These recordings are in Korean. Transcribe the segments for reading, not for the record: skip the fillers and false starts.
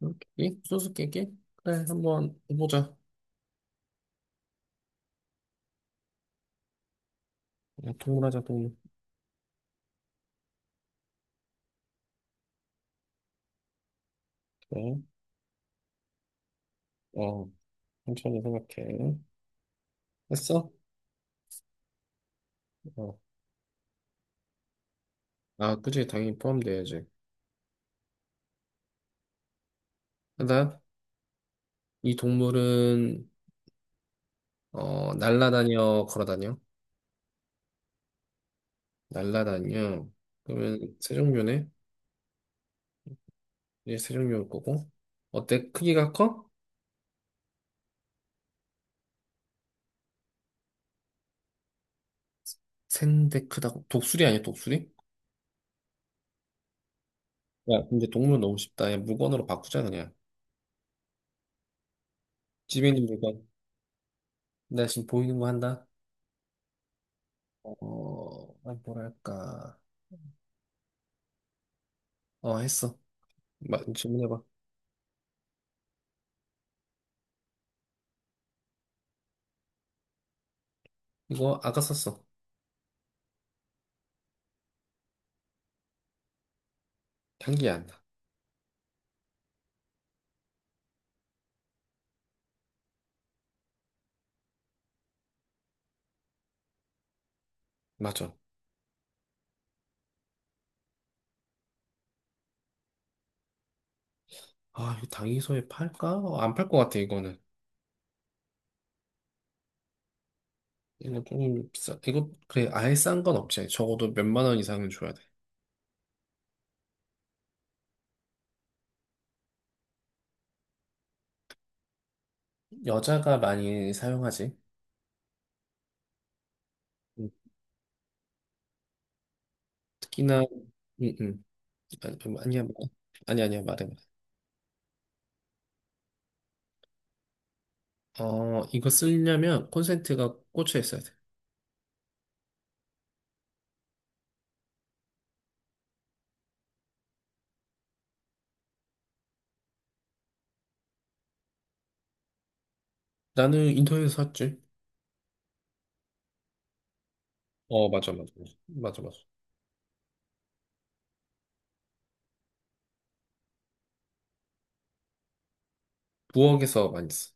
수수께끼? 수수께끼? 그래, 한번 해보자. 어, 동물 하자, 동물. 그래. 어, 천천히 생각해. 했어? 어. 아, 그치, 당연히 포함돼야지. 하이 동물은, 날라다녀, 걸어다녀? 날라다녀. 그러면 세 종류네? 이제 세 종류일 거고. 어때? 크기가 커? 센데 크다고? 독수리 아니야, 독수리? 야, 근데 동물 너무 쉽다. 야, 물건으로 바꾸자, 그냥. 집에 있는 물건. 나 지금 보이는 거 한다. 어, 아, 뭐랄까. 했어. 마, 질문해봐. 이거 아까 썼어. 향기 안 나. 맞아. 아, 이거 당이소에 팔까? 안 팔 것 같아, 이거는. 이거 조금 비싸. 이거, 그래, 아예 싼 건 없지. 적어도 몇 만 원 이상은 줘야 돼. 여자가 많이 사용하지. 음, 특히나, 음, 음. 아니, 아니야, 뭐. 아니, 아니야, 말해, 말해. 이거 쓰려면 콘센트가 꽂혀 있어야 돼. 나는 인터넷에서 샀지. 어, 맞아, 맞아. 맞아. 부엌에서 많이 써.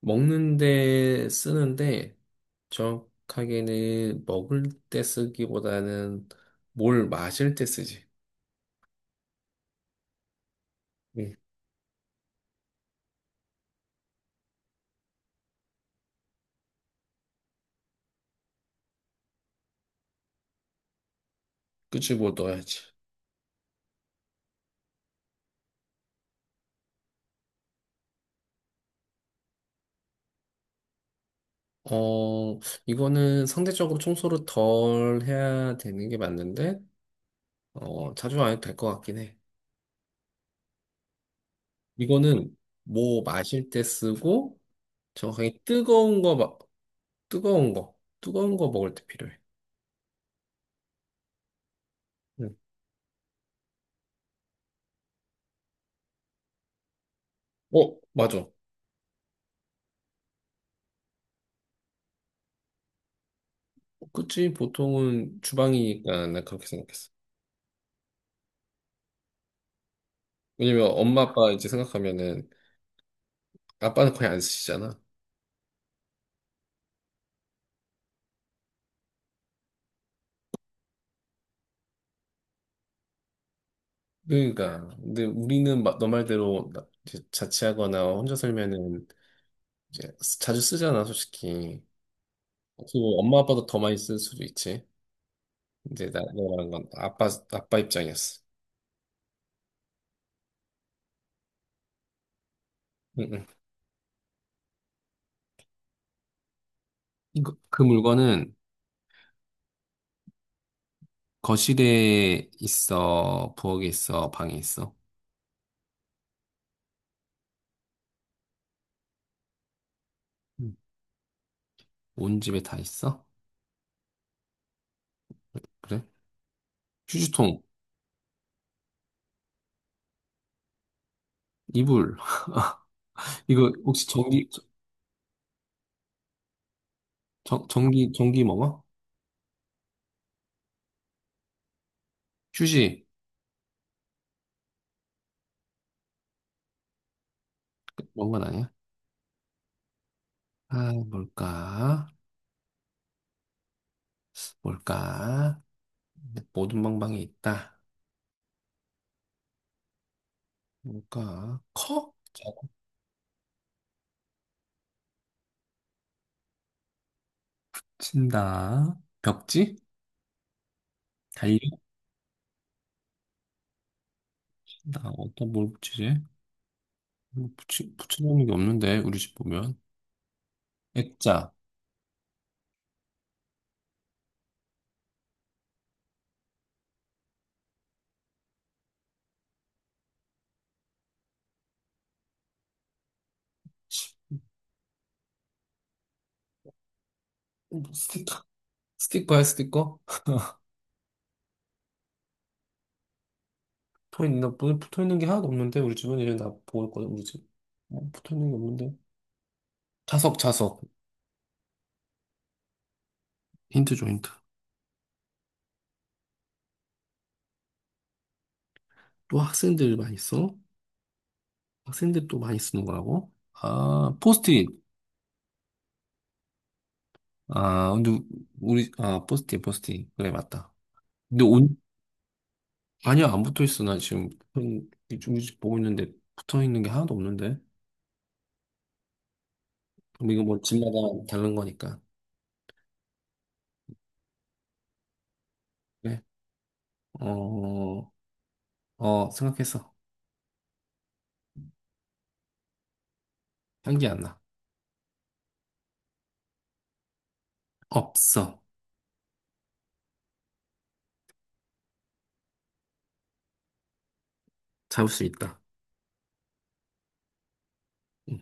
먹는데 쓰는데 정확하게는 먹을 때 쓰기보다는 뭘 마실 때 쓰지. 응. 끄집어 넣어야지. 어, 이거는 상대적으로 청소를 덜 해야 되는 게 맞는데, 자주 안 해도 될 것 같긴 해. 이거는 뭐 마실 때 쓰고, 정확하게 뜨거운 거, 뜨거운 거, 뜨거운 거 먹을 때 필요해. 응. 어, 맞아. 그치? 보통은 주방이니까 나 그렇게 생각했어. 왜냐면 엄마 아빠 이제 생각하면은 아빠는 거의 안 쓰시잖아. 그러니까 근데 우리는 너 말대로 이제 자취하거나 혼자 살면은 이제 자주 쓰잖아 솔직히. 그리고 엄마 아빠도 더 많이 쓸 수도 있지. 이제 나 내가 말한 건 아빠 입장이었어. 응, 응. 그 물건은 거실에 있어, 부엌에 있어, 방에 있어. 응. 온 집에 다 있어? 그래? 휴지통, 이불. 이거 혹시 전기 전- 전기 전기 먹어? 휴지. 먹은 건 아니야? 아, 뭘까? 뭘까? 모든 방방이 있다. 뭘까? 커? 친다. 벽지? 달력? 나 어떤 뭘 붙이지? 뭐 붙여놓은 게 없는데, 우리 집 보면. 액자. 뭐 스티커. 스티커야, 스티커? 붙어있는 게 하나도 없는데, 우리 집은 이제 나보있거든 우리 집. 붙어있는 게 없는데. 자석. 힌트 줘, 힌트. 또 학생들 많이 써? 학생들 또 많이 쓰는 거라고? 아, 포스트잇. 아, 근데 우리 아 포스팅 포스팅 그래 맞다. 근데 온 아니야, 안 붙어 있어. 나 지금 형 이쪽 우리 집 보고 있는데 붙어 있는 게 하나도 없는데. 그럼 이거 뭐 집마다 다른 거니까. 그래. 어, 어, 생각했어. 향기 안 나. 없어. 잡을 수 있다. 응.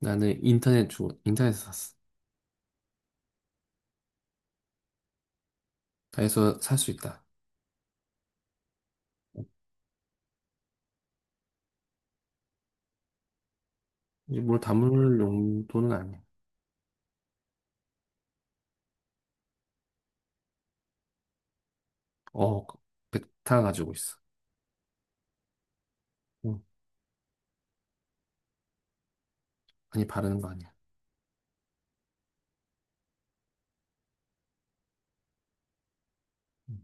나는 인터넷에서 샀어. 다해서 살 수 있다. 이뭘 담을 용도는 아니야. 어 베타 가지고 있어. 응. 아니 바르는 거 아니야. 응.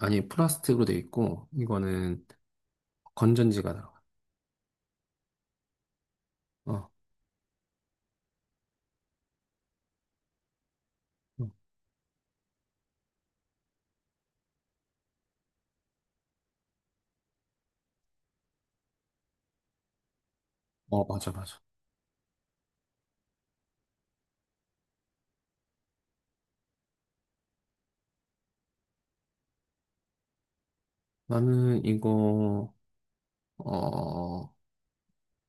아니 플라스틱으로 돼 있고 이거는 건전지가 들어가. 어, 어, 어, 맞아, 맞아. 나는 이거, 어,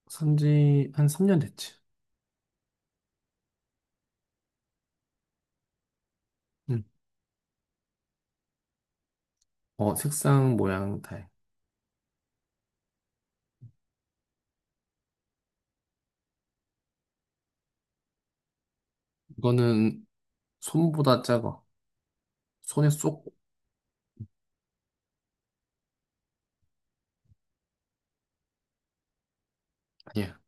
산지 한 3년 됐지. 응. 어, 색상, 모양, 다 해. 이거는 손보다 작아. 손에 쏙, 아니야.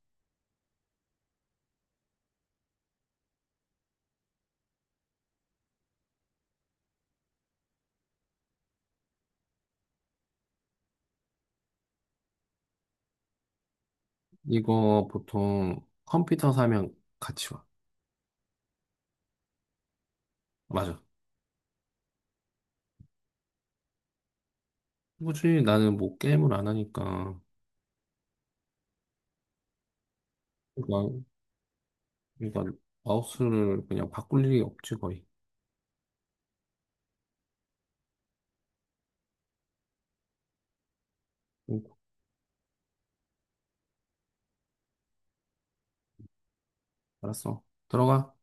이거 보통 컴퓨터 사면 같이 와. 맞아. 굳이 나는 뭐 게임을 안 하니까. 그러니까, 그러니까 마우스를 그냥 바꿀 일이 없지, 거의. 응, 알았어. 들어가.